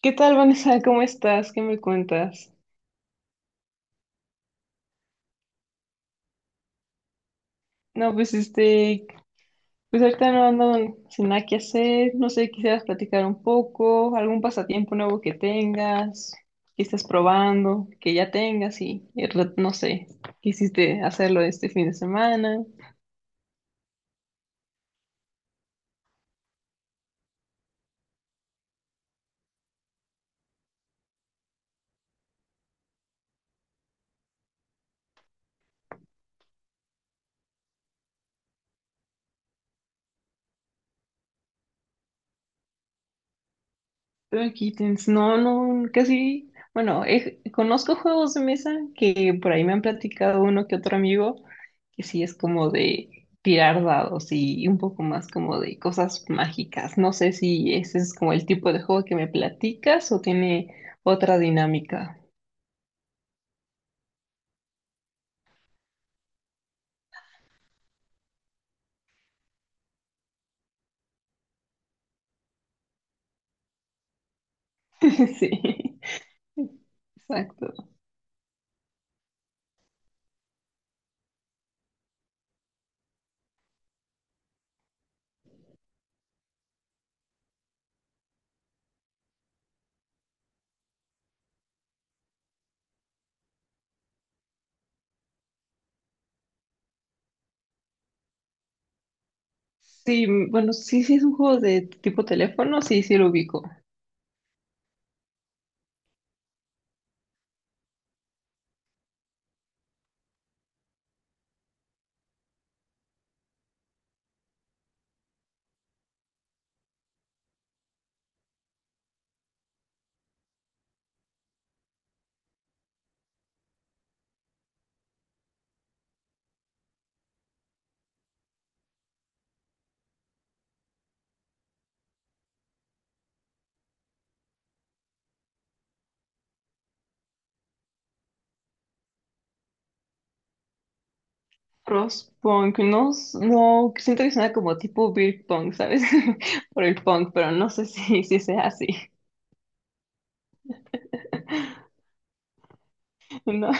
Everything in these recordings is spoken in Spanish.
¿Qué tal, Vanessa? ¿Cómo estás? ¿Qué me cuentas? No, pues este, pues ahorita no ando sin nada que hacer, no sé, quisieras platicar un poco, algún pasatiempo nuevo que tengas, que estés probando, que ya tengas y no sé, quisiste hacerlo este fin de semana. Pero Kittens, no, no, casi, bueno, conozco juegos de mesa que por ahí me han platicado uno que otro amigo, que sí es como de tirar dados y un poco más como de cosas mágicas. No sé si ese es como el tipo de juego que me platicas o tiene otra dinámica. Sí, exacto. Sí, bueno, sí, sí es un juego de tipo teléfono, sí, sí lo ubico. Crosspunk, no, no, siento que suena como tipo beer punk, ¿sabes? Por el punk, pero no sé si sea así. No,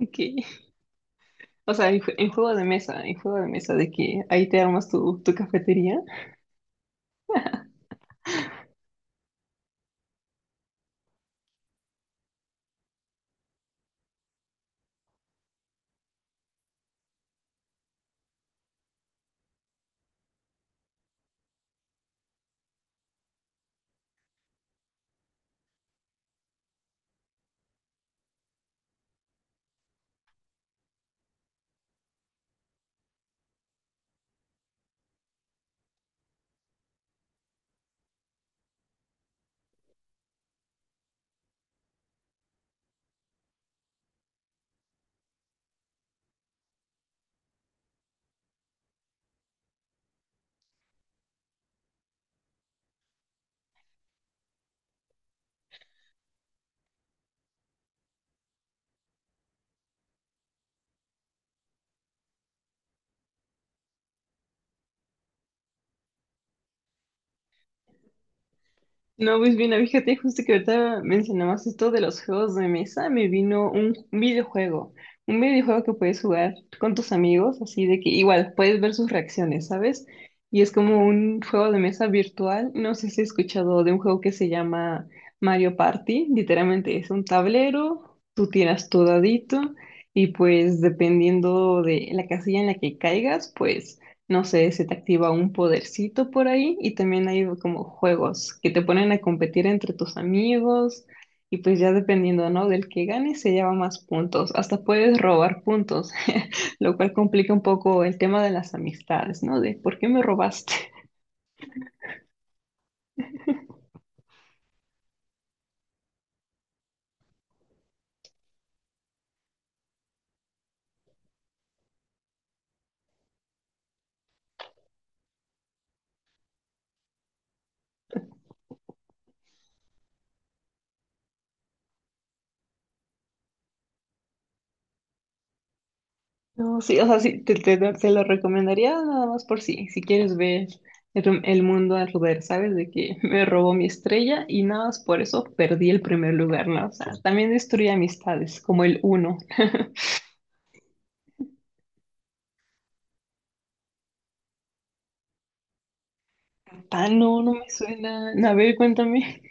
ok. O sea, en juego de mesa, en juego de mesa, de que ahí te armas tu cafetería. No, pues bien, fíjate, justo que ahorita mencionabas esto de los juegos de mesa, me vino un videojuego, un videojuego que puedes jugar con tus amigos, así de que igual puedes ver sus reacciones, ¿sabes? Y es como un juego de mesa virtual, no sé si has escuchado de un juego que se llama Mario Party, literalmente es un tablero, tú tiras tu dadito y pues dependiendo de la casilla en la que caigas, pues no sé, se te activa un podercito por ahí y también hay como juegos que te ponen a competir entre tus amigos y pues ya dependiendo, ¿no? Del que gane se lleva más puntos, hasta puedes robar puntos, lo cual complica un poco el tema de las amistades, ¿no? De por qué me robaste. No, sí, o sea, sí, te lo recomendaría nada más por si, si quieres ver el mundo al revés, ¿sabes? De que me robó mi estrella y nada más por eso perdí el primer lugar, ¿no? O sea, también destruye amistades, como el uno. Ah, no, no me suena. A ver, cuéntame.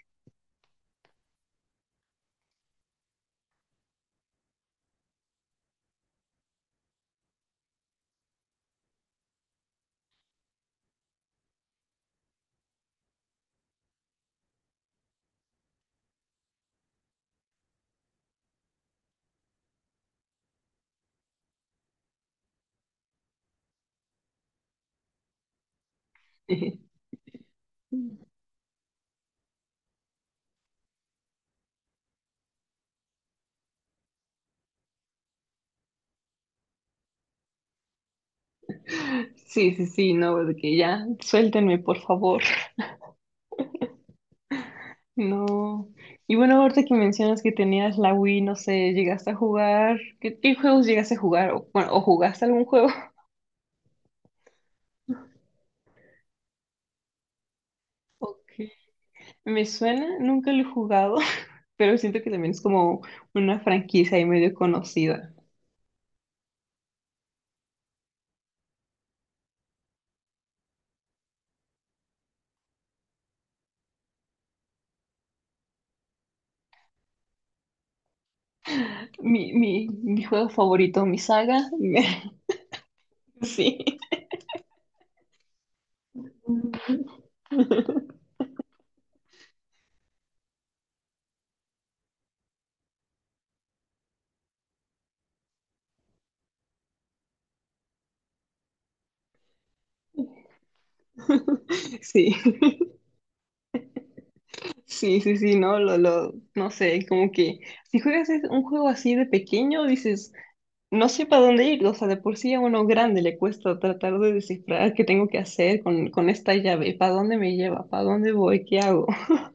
Sí, sí, sí, no, de que ya, suéltenme, por favor. No. Y bueno, ahorita que mencionas que tenías la Wii, no sé, llegaste a jugar. ¿Qué juegos llegaste a jugar? O, bueno, ¿o jugaste algún juego? Ok. Me suena, nunca lo he jugado, pero siento que también es como una franquicia y medio conocida. Mi juego favorito, mi saga. Sí. Sí. Sí, sí, sí, no, no sé, como que si juegas un juego así de pequeño, dices, no sé para dónde ir, o sea, de por sí a uno grande le cuesta tratar de descifrar qué tengo que hacer con esta llave, para dónde me lleva, para dónde voy, qué hago.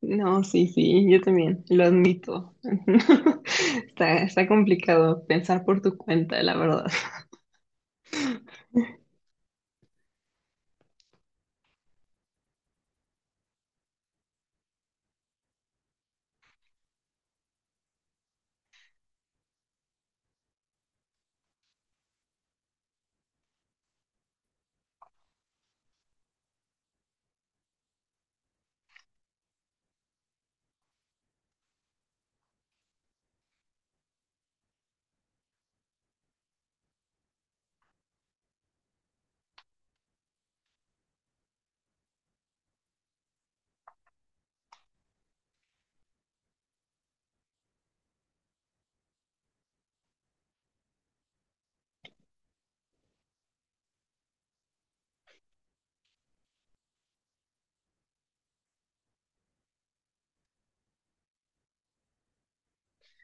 No, sí, sí, yo también, lo admito. Está, está complicado pensar por tu cuenta, la verdad.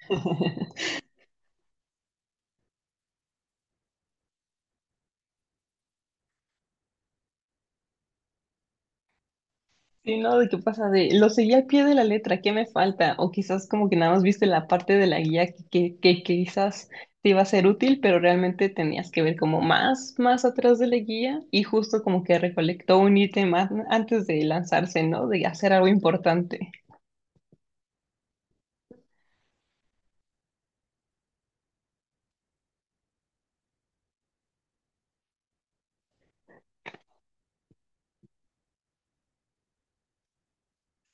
Sí, no, de qué pasa, de lo seguí al pie de la letra, ¿qué me falta? O quizás como que nada más viste la parte de la guía que quizás te iba a ser útil, pero realmente tenías que ver como más atrás de la guía y justo como que recolectó un ítem antes de lanzarse, ¿no? De hacer algo importante.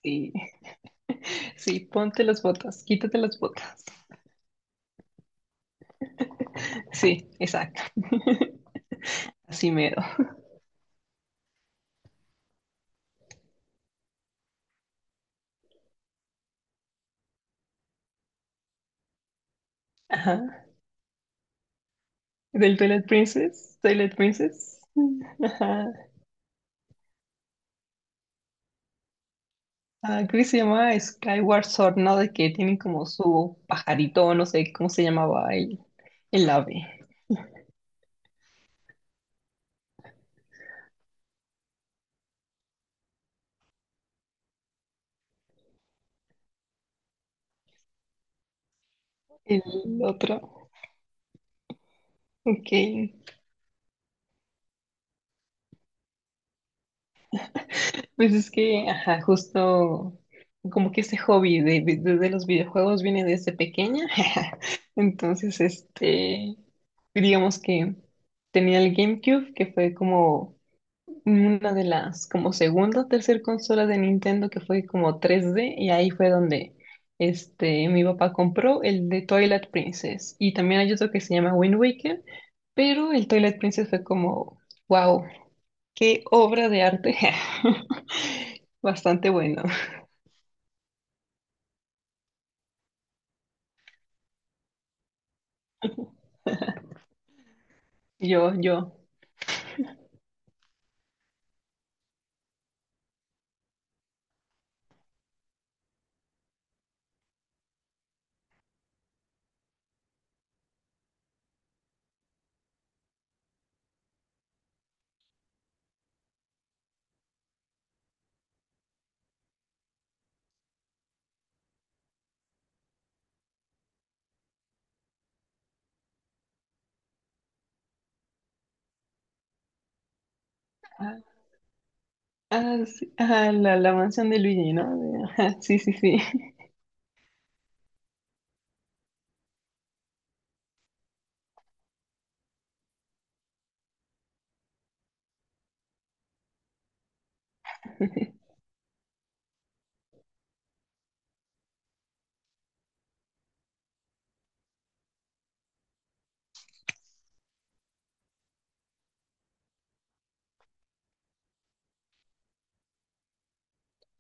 Sí, sí, ponte las botas, quítate las botas. Sí, exacto. Así mero. Ajá. Del Twilight Princess, Twilight Princess. Ajá. Ah, creo que se llama Skyward Sword, ¿no? De que tienen como su pajarito, no sé cómo se llamaba el ave, el otro. Ok, pues es que, ajá, justo como que este hobby de los videojuegos viene desde pequeña. Entonces, este, digamos que tenía el GameCube, que fue como una de las como segunda o tercer consola de Nintendo que fue como 3D y ahí fue donde este mi papá compró el de Twilight Princess y también hay otro que se llama Wind Waker, pero el Twilight Princess fue como wow, qué obra de arte. Bastante bueno. Yo ah, ah, sí, ah, la mansión de Luigi, ¿no? De- ajá, sí, sí, sí.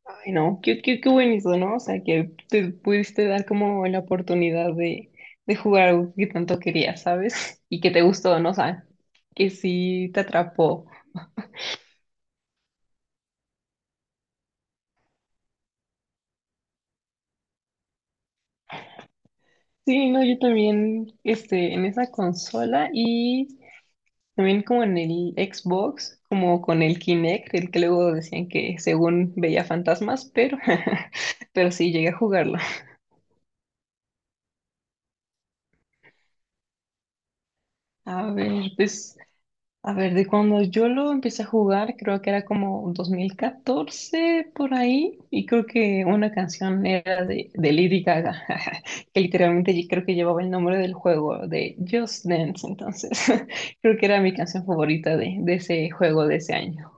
Ay, no qué, qué, qué buenísimo, ¿no? O sea, que te pudiste dar como la oportunidad de jugar algo que tanto querías, ¿sabes? Y que te gustó, ¿no? O sea, que sí te atrapó. Sí, no, yo también, este, en esa consola y también como en el Xbox, como con el Kinect, el que luego decían que según veía fantasmas, pero, pero sí llegué a jugarlo. A ver, pues. A ver, de cuando yo lo empecé a jugar, creo que era como 2014 por ahí, y creo que una canción era de Lady Gaga, que literalmente yo creo que llevaba el nombre del juego de Just Dance, entonces creo que era mi canción favorita de ese juego de ese año.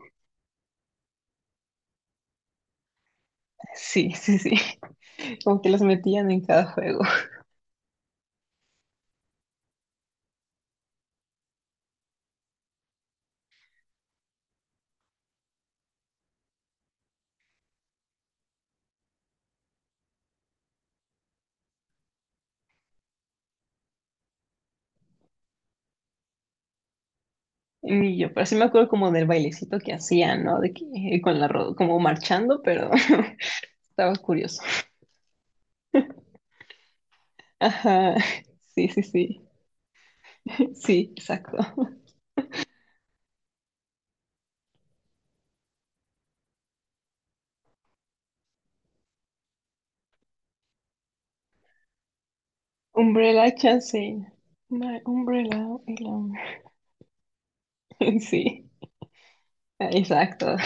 Sí, sí, sí, como que las metían en cada juego. Y yo, pero sí me acuerdo como del bailecito que hacían, ¿no? De que con la como marchando, pero estaba curioso. Ajá, sí, sí, sí. Sí, exacto. Umbrella Chancey. My umbrella alone. Sí, exacto.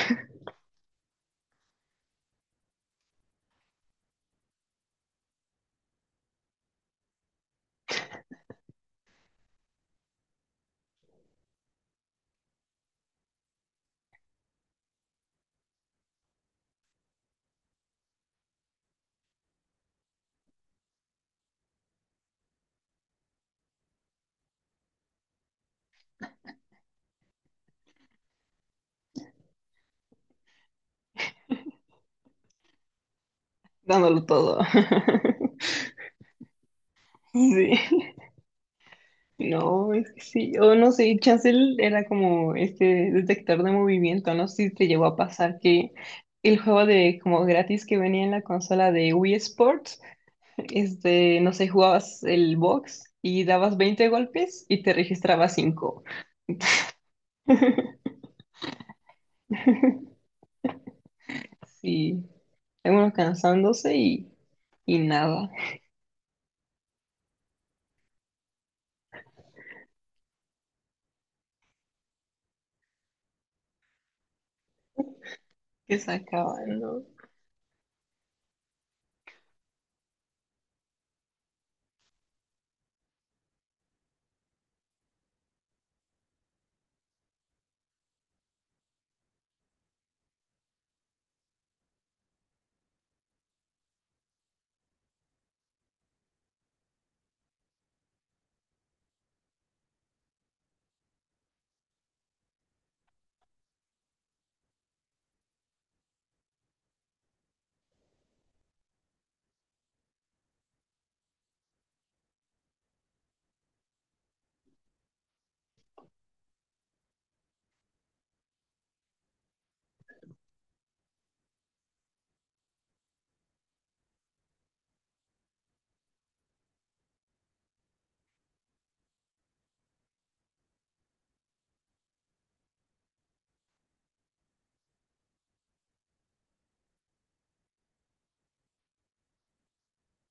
Dándolo todo. Sí. No, es que sí. O no sé, Chancel era como este detector de movimiento. No sé si te llegó a pasar que el juego de como gratis que venía en la consola de Wii Sports, este, no sé, jugabas el box y dabas 20 golpes y te registraba cinco. Sí, algunos cansándose y nada, que se acaban, ¿no?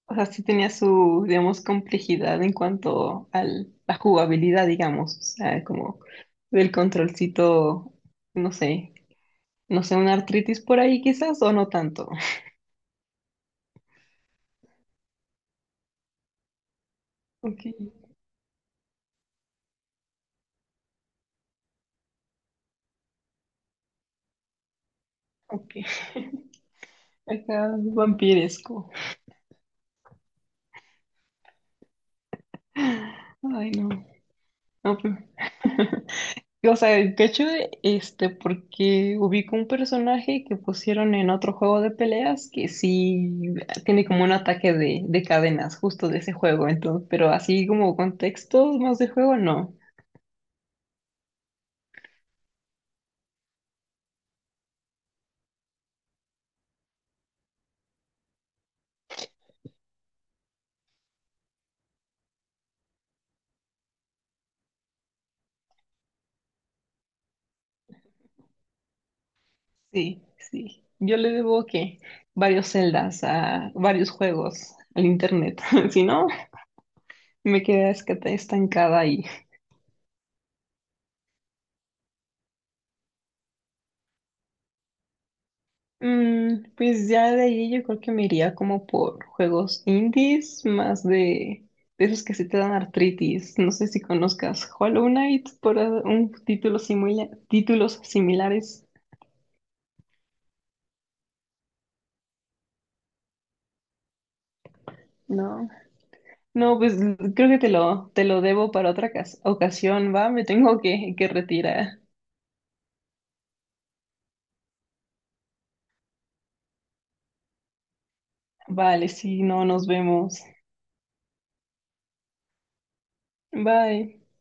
O sea, sí tenía su, digamos, complejidad en cuanto a la jugabilidad, digamos, o sea, como del controlcito, no sé, no sé, una artritis por ahí quizás o no tanto. Ok, ok. Acá vampiresco. Ay, no. No, pues. O sea, de hecho este, porque ubico un personaje que pusieron en otro juego de peleas que sí tiene como un ataque de cadenas justo de ese juego, entonces, pero así como contexto más de juego, no. Sí, sí. Yo le debo que varios celdas a varios juegos al internet. Si no, me quedé estancada ahí. Mm, pues ya de ahí yo creo que me iría como por juegos indies, más de esos que sí te dan artritis. No sé si conozcas Hollow Knight por ah, un título títulos similares. No. No, pues creo que te lo debo para otra ocasión, va, me tengo que retirar. Vale, sí, no, nos vemos. Bye.